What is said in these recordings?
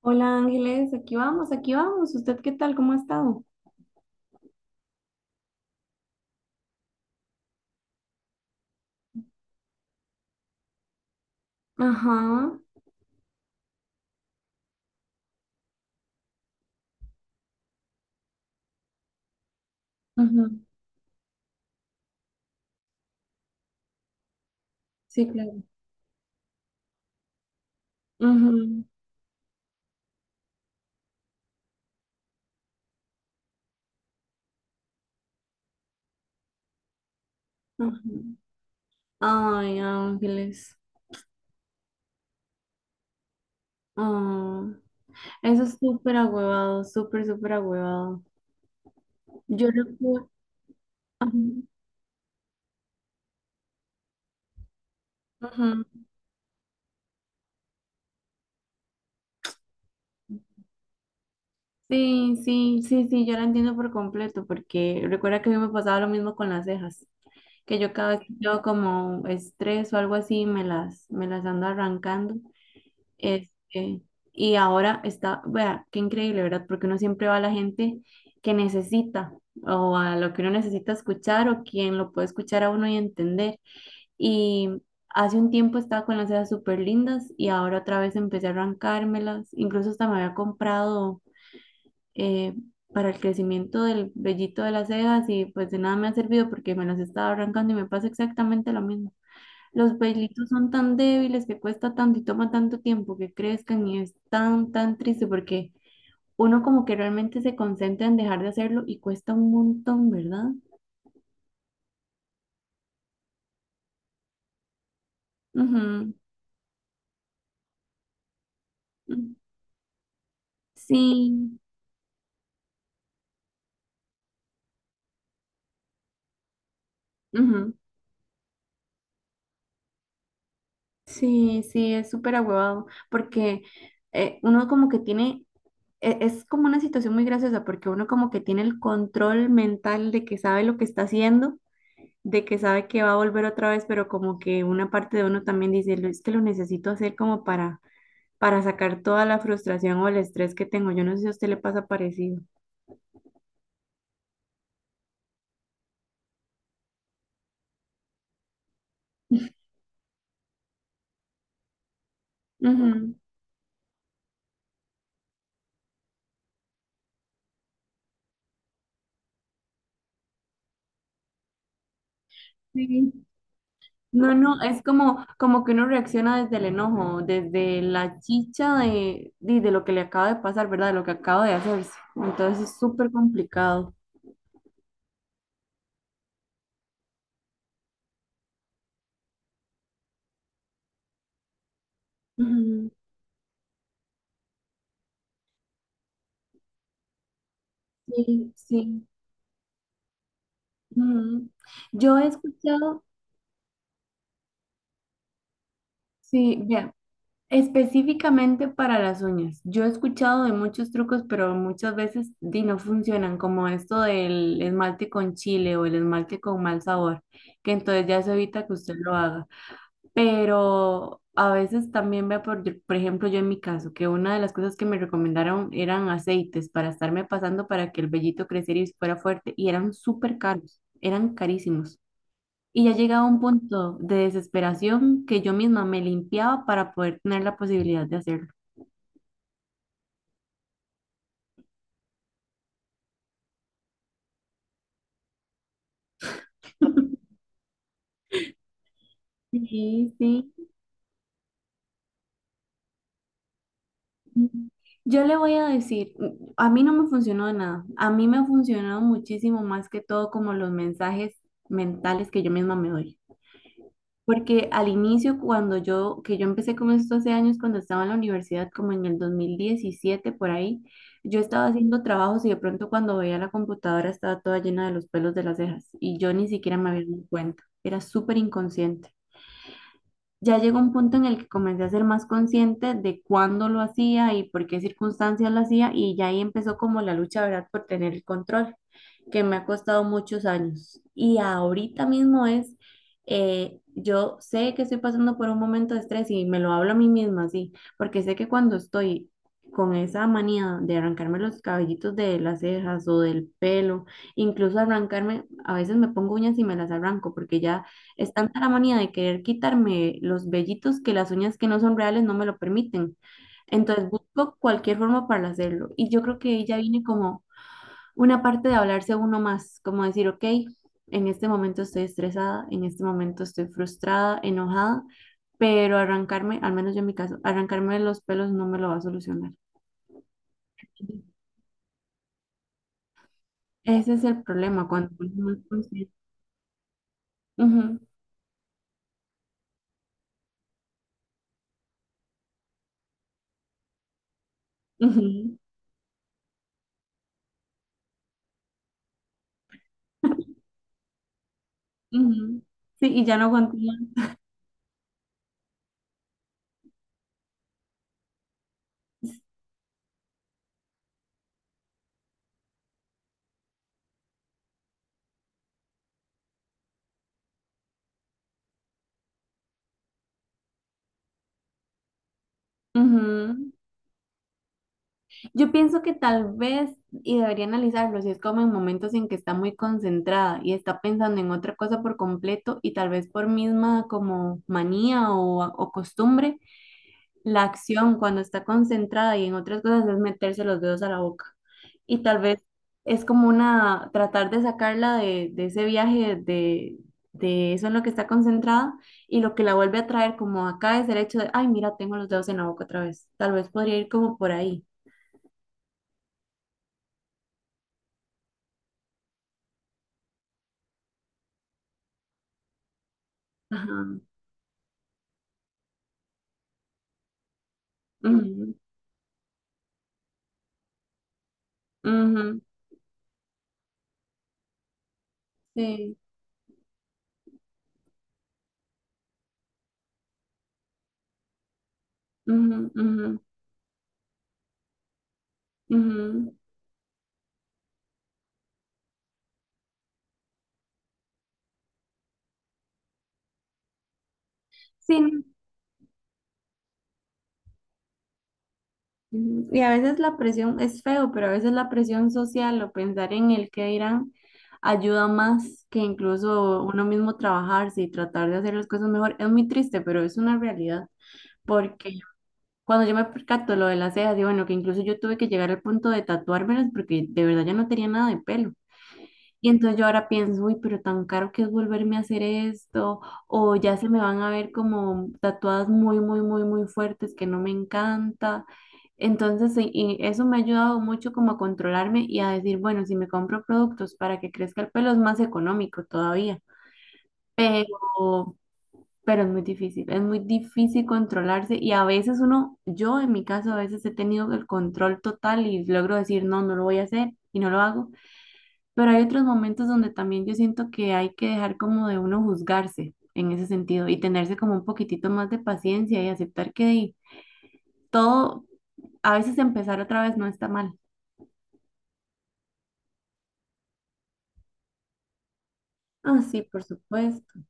Hola Ángeles, aquí vamos, aquí vamos. ¿Usted qué tal? ¿Cómo ha estado? Ajá, ajá, sí, claro. Ujú, ujú. Ay, Ángeles. ah, Eso es súper agüevado, súper, súper agüevado. Yo recuerdo. Ajá, ajá. Sí, sí, sí, sí, yo la entiendo por completo, porque recuerda que a mí me pasaba lo mismo con las cejas, que yo cada vez que tengo como estrés o algo así, me las ando arrancando. Este, y ahora está, vea, qué increíble, ¿verdad? Porque uno siempre va a la gente que necesita o a lo que uno necesita escuchar o quien lo puede escuchar a uno y entender. Y hace un tiempo estaba con las cejas súper lindas y ahora otra vez empecé a arrancármelas. Incluso hasta me había comprado eh, para el crecimiento del vellito de las cejas y pues de nada me ha servido porque me las estaba arrancando y me pasa exactamente lo mismo. Los bailitos son tan débiles que cuesta tanto y toma tanto tiempo que crezcan y es tan, tan triste porque uno como que realmente se concentra en dejar de hacerlo y cuesta un montón, ¿verdad? Ujú. Mm. Sí, ujú. Sí, sí, es súper ahuevado porque uno como que tiene, es como una situación muy graciosa porque uno como que tiene el control mental de que sabe lo que está haciendo, de que sabe que va a volver otra vez, pero como que una parte de uno también dice, es que lo necesito hacer como para sacar toda la frustración o el estrés que tengo". Yo no sé si a usted le pasa parecido. Ujú, sí. No, no, es como, como que uno reacciona desde el enojo, desde la chicha de lo que le acaba de pasar, ¿verdad? De lo que acaba de hacerse. Entonces es súper complicado. Ujú. Sí, sí. Ujú. Yo he escuchado, sí, vea, específicamente para las uñas. Yo he escuchado de muchos trucos, pero muchas veces di, no funcionan, como esto del esmalte con chile o el esmalte con mal sabor, que entonces ya se evita que usted lo haga. Pero a veces también veo, por ejemplo, yo en mi caso, que una de las cosas que me recomendaron eran aceites para estarme pasando para que el vellito creciera y fuera fuerte, y eran súper caros, eran carísimos. Y ya llegaba a un punto de desesperación que yo misma me limpiaba para poder tener la posibilidad de hacerlo. Sí, sí. Yo le voy a decir, a mí no me funcionó de nada. A mí me ha funcionado muchísimo más que todo como los mensajes mentales que yo misma me doy. Porque al inicio, que yo empecé con esto hace años, cuando estaba en la universidad, como en el 2017 por ahí, yo estaba haciendo trabajos y de pronto cuando veía la computadora estaba toda llena de los pelos de las cejas y yo ni siquiera me había dado cuenta. Era súper inconsciente. Ya llegó un punto en el que comencé a ser más consciente de cuándo lo hacía y por qué circunstancias lo hacía, y ya ahí empezó como la lucha, ¿verdad?, por tener el control, que me ha costado muchos años. Y ahorita mismo es, yo sé que estoy pasando por un momento de estrés y me lo hablo a mí misma, sí, porque sé que cuando estoy… con esa manía de arrancarme los cabellitos de las cejas o del pelo, incluso arrancarme, a veces me pongo uñas y me las arranco porque ya es tanta la manía de querer quitarme los vellitos, que las uñas que no son reales no me lo permiten. Entonces busco cualquier forma para hacerlo. Y yo creo que ahí ya viene como una parte de hablarse a uno más, como decir, ok, en este momento estoy estresada, en este momento estoy frustrada, enojada, pero arrancarme, al menos yo en mi caso, arrancarme los pelos no me lo va a solucionar. Ese es el problema cuando uno no es consciente. Ujú, ujú, ujú. Sí, y ya no continúa. Yo pienso que tal vez, y debería analizarlo, si es como en momentos en que está muy concentrada y está pensando en otra cosa por completo y tal vez por misma como manía o costumbre, la acción cuando está concentrada y en otras cosas es meterse los dedos a la boca. Y tal vez es como una, tratar de sacarla de ese viaje de eso en lo que está concentrada, y lo que la vuelve a traer como acá es el hecho de, ay, mira, tengo los dedos en la boca otra vez. Tal vez podría ir como por ahí. Ajá. Ujú, ujú, sí, ujú, ujú, ujú. Sí, no, ujú. Y a veces la presión es feo, pero a veces la presión social o pensar en el que dirán ayuda más que incluso uno mismo trabajarse y tratar de hacer las cosas mejor. Es muy triste, pero es una realidad. Porque cuando yo me percato lo de las cejas, digo, bueno, que incluso yo tuve que llegar al punto de tatuármelas porque de verdad ya no tenía nada de pelo. Y entonces yo ahora pienso, uy, pero tan caro que es volverme a hacer esto, o ya se me van a ver como tatuadas muy, muy, muy, muy fuertes, que no me encanta. Entonces, sí, y eso me ha ayudado mucho como a controlarme y a decir, bueno, si me compro productos para que crezca el pelo es más económico todavía, pero, pero es muy difícil controlarse, y a veces uno, yo en mi caso, a veces he tenido el control total y logro decir, no, no lo voy a hacer y no lo hago, pero hay otros momentos donde también yo siento que hay que dejar como de uno juzgarse en ese sentido y tenerse como un poquitito más de paciencia y aceptar que di, todo, a veces empezar otra vez no está mal. Ah, sí, por supuesto.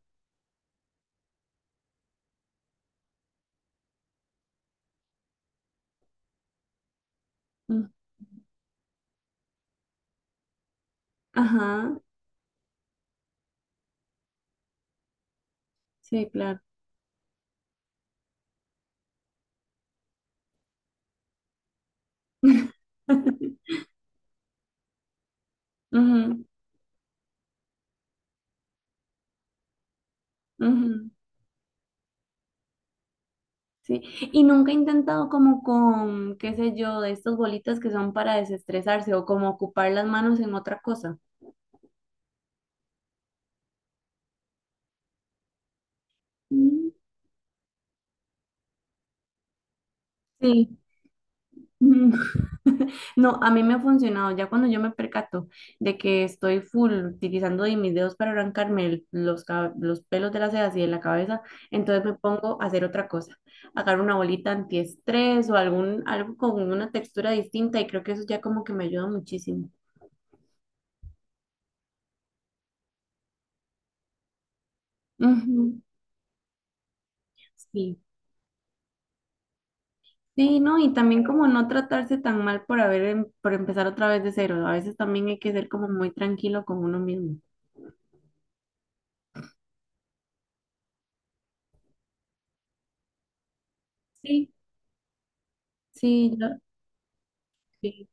Mm. Ajá, sí, claro. Ujú, ujú. Sí, y nunca he intentado como con, qué sé yo, de estas bolitas que son para desestresarse o como ocupar las manos en otra cosa. Mm. Sí. No, a mí me ha funcionado. Ya cuando yo me percato de que estoy full utilizando de mis dedos para arrancarme los pelos de las cejas y de la cabeza, entonces me pongo a hacer otra cosa. Agarro una bolita antiestrés algo con una textura distinta, y creo que eso ya como que me ayuda muchísimo. Ujú. Sí. Sí, no, y también como no tratarse tan mal por por empezar otra vez de cero. A veces también hay que ser como muy tranquilo con uno mismo. Sí, sí, yo, sí.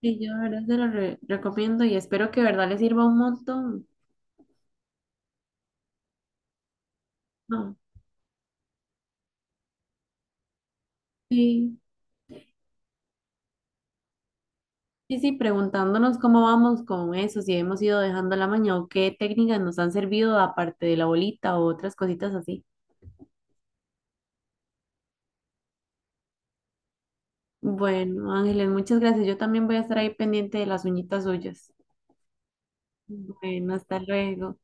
Sí, yo de verdad se lo recomiendo y espero que de verdad les sirva un montón. No, sí, sí, sí, preguntándonos cómo vamos con eso, si hemos ido dejando la maña o qué técnicas nos han servido aparte de la bolita o otras cositas así. Bueno, Ángeles, muchas gracias. Yo también voy a estar ahí pendiente de las uñitas suyas. Bueno, hasta luego.